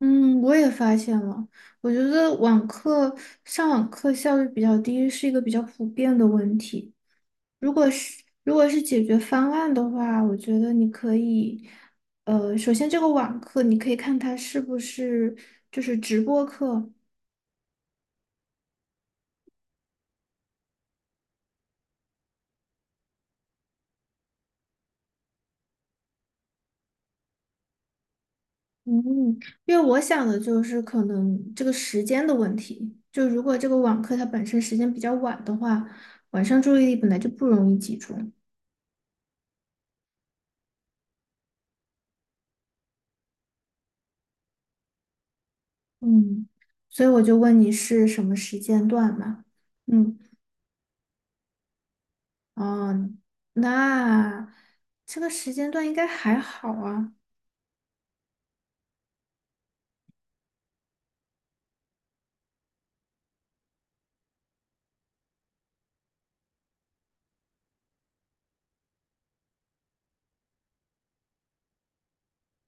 嗯，我也发现了，我觉得上网课效率比较低是一个比较普遍的问题。如果是解决方案的话，我觉得你可以，首先这个网课你可以看它是不是就是直播课，嗯，因为我想的就是可能这个时间的问题，就如果这个网课它本身时间比较晚的话，晚上注意力本来就不容易集中。嗯，所以我就问你是什么时间段嘛？嗯，哦，那这个时间段应该还好啊。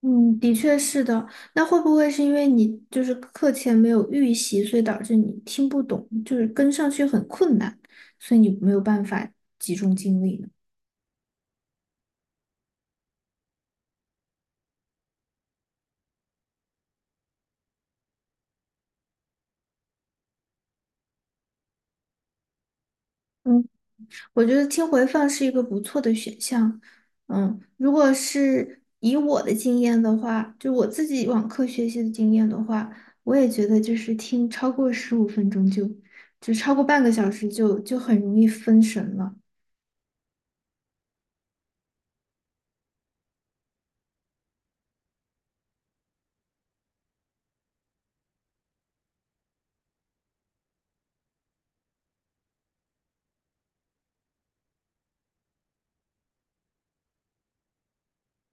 嗯，的确是的。那会不会是因为你就是课前没有预习，所以导致你听不懂，就是跟上去很困难，所以你没有办法集中精力呢？嗯。我觉得听回放是一个不错的选项。嗯，如果是以我的经验的话，就我自己网课学习的经验的话，我也觉得就是听超过15分钟就超过半个小时就很容易分神了。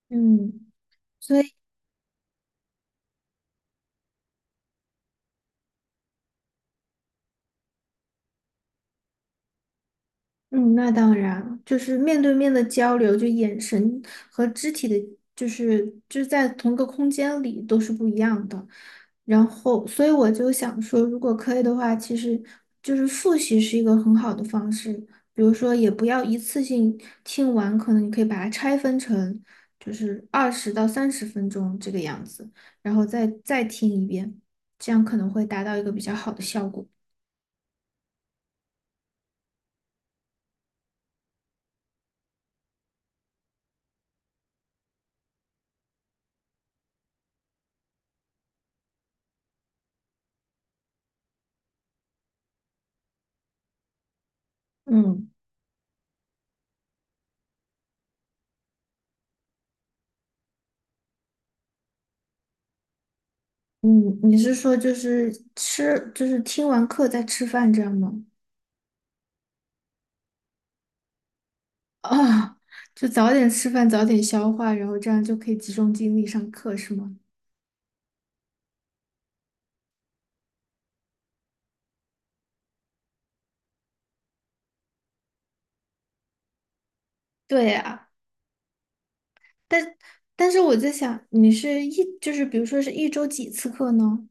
嗯。所以。嗯，那当然，就是面对面的交流，就眼神和肢体的，就是在同一个空间里都是不一样的。然后，所以我就想说，如果可以的话，其实就是复习是一个很好的方式。比如说，也不要一次性听完，可能你可以把它拆分成就是20到30分钟这个样子，然后再听一遍，这样可能会达到一个比较好的效果。嗯。嗯，你是说就是吃，就是听完课再吃饭这样吗？啊，就早点吃饭，早点消化，然后这样就可以集中精力上课，是吗？对呀，但但是我在想，你是一就是比如说是一周几次课呢？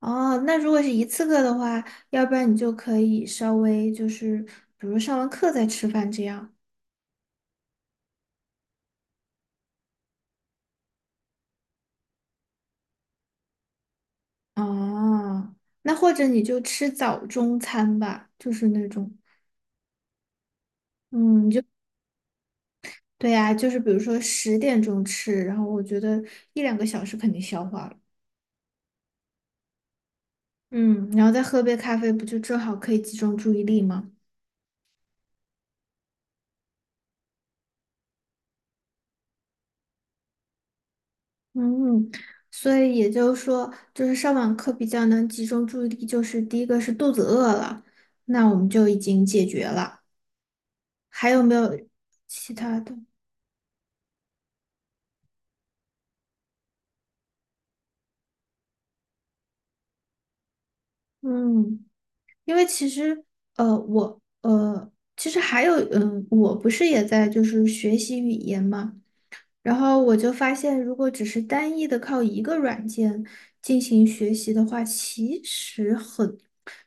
哦，那如果是一次课的话，要不然你就可以稍微就是比如上完课再吃饭这样。哦，那或者你就吃早中餐吧，就是那种。嗯，就。对呀，就是比如说10点钟吃，然后我觉得一两个小时肯定消化了，嗯，然后再喝杯咖啡，不就正好可以集中注意力吗？嗯，所以也就是说，就是上网课比较能集中注意力，就是第一个是肚子饿了，那我们就已经解决了。还有没有其他的？嗯，因为其实我其实还有我不是也在就是学习语言嘛。然后我就发现，如果只是单一的靠一个软件进行学习的话，其实很，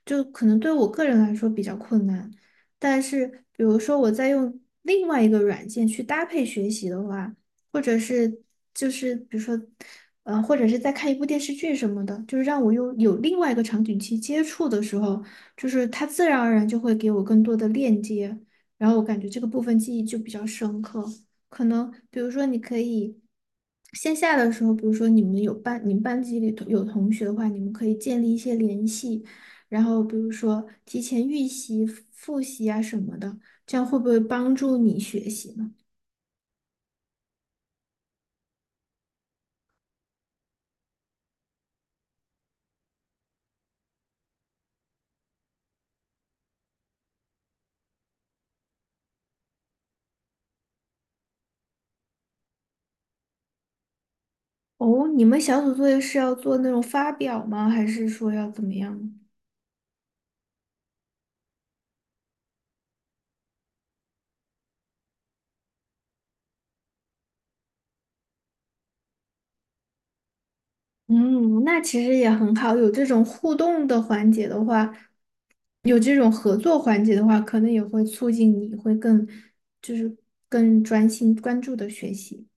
就可能对我个人来说比较困难。但是，比如说我在用另外一个软件去搭配学习的话，或者是就是比如说，或者是在看一部电视剧什么的，就是让我用有另外一个场景去接触的时候，就是它自然而然就会给我更多的链接，然后我感觉这个部分记忆就比较深刻。可能比如说你可以线下的时候，比如说你们有班，你们班级里头有同学的话，你们可以建立一些联系，然后比如说提前预习、复习啊什么的，这样会不会帮助你学习呢？哦，你们小组作业是要做那种发表吗？还是说要怎么样？嗯，那其实也很好，有这种互动的环节的话，有这种合作环节的话，可能也会促进你会更，就是更专心关注的学习。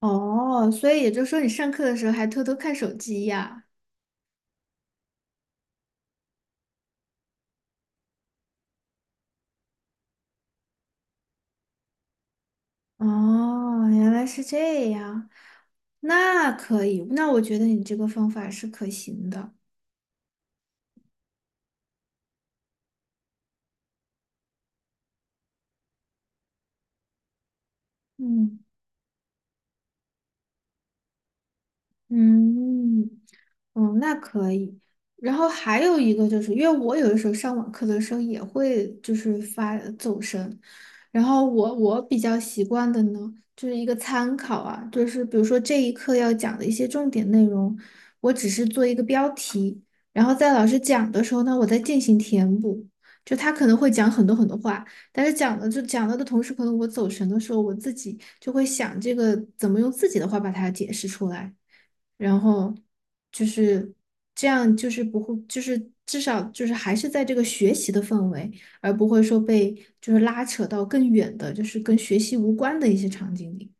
哦，所以也就是说，你上课的时候还偷偷看手机呀？哦，原来是这样，那可以，那我觉得你这个方法是可行的。嗯。嗯，嗯，那可以。然后还有一个就是，因为我有的时候上网课的时候也会就是发走神，然后我比较习惯的呢，就是一个参考啊，就是比如说这一课要讲的一些重点内容，我只是做一个标题，然后在老师讲的时候呢，我再进行填补。就他可能会讲很多很多话，但是讲了就讲了的同时，可能我走神的时候，我自己就会想这个怎么用自己的话把它解释出来。然后就是这样，就是不会，就是至少就是还是在这个学习的氛围，而不会说被就是拉扯到更远的，就是跟学习无关的一些场景里。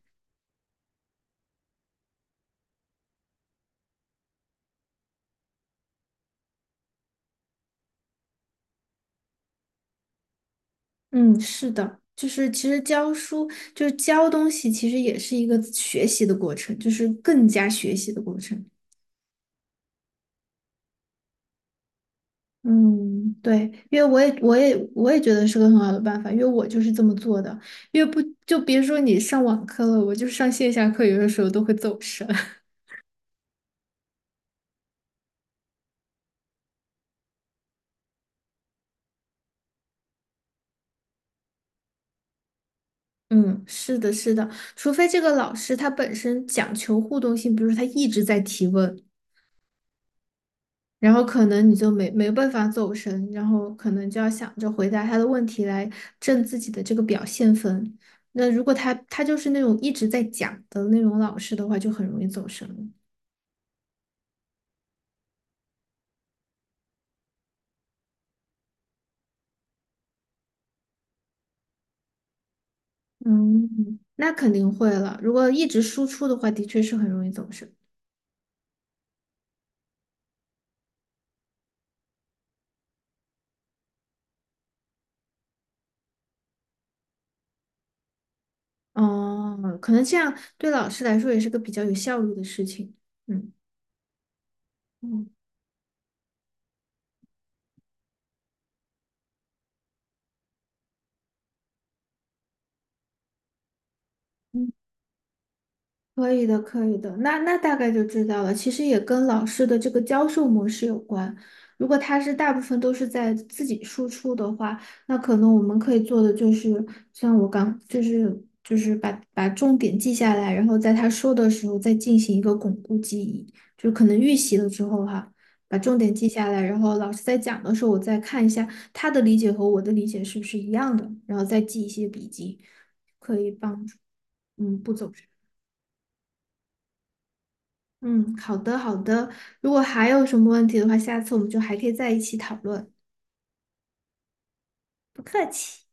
嗯，是的，就是其实教书就是教东西，其实也是一个学习的过程，就是更加学习的过程。嗯，对，因为我也觉得是个很好的办法，因为我就是这么做的。因为不就别说你上网课了，我就上线下课，有的时候都会走神。嗯，是的，是的，除非这个老师他本身讲求互动性，比如说他一直在提问，然后可能你就没办法走神，然后可能就要想着回答他的问题来挣自己的这个表现分。那如果他就是那种一直在讲的那种老师的话，就很容易走神了。嗯，那肯定会了。如果一直输出的话，的确是很容易走神。哦，可能这样对老师来说也是个比较有效率的事情。嗯嗯。嗯，可以的，可以的，那那大概就知道了。其实也跟老师的这个教授模式有关。如果他是大部分都是在自己输出的话，那可能我们可以做的就是，像我刚就是把重点记下来，然后在他说的时候再进行一个巩固记忆，就可能预习了之后哈，把重点记下来，然后老师在讲的时候，我再看一下他的理解和我的理解是不是一样的，然后再记一些笔记，嗯，不走。嗯，好的好的。如果还有什么问题的话，下次我们就还可以在一起讨论。不客气。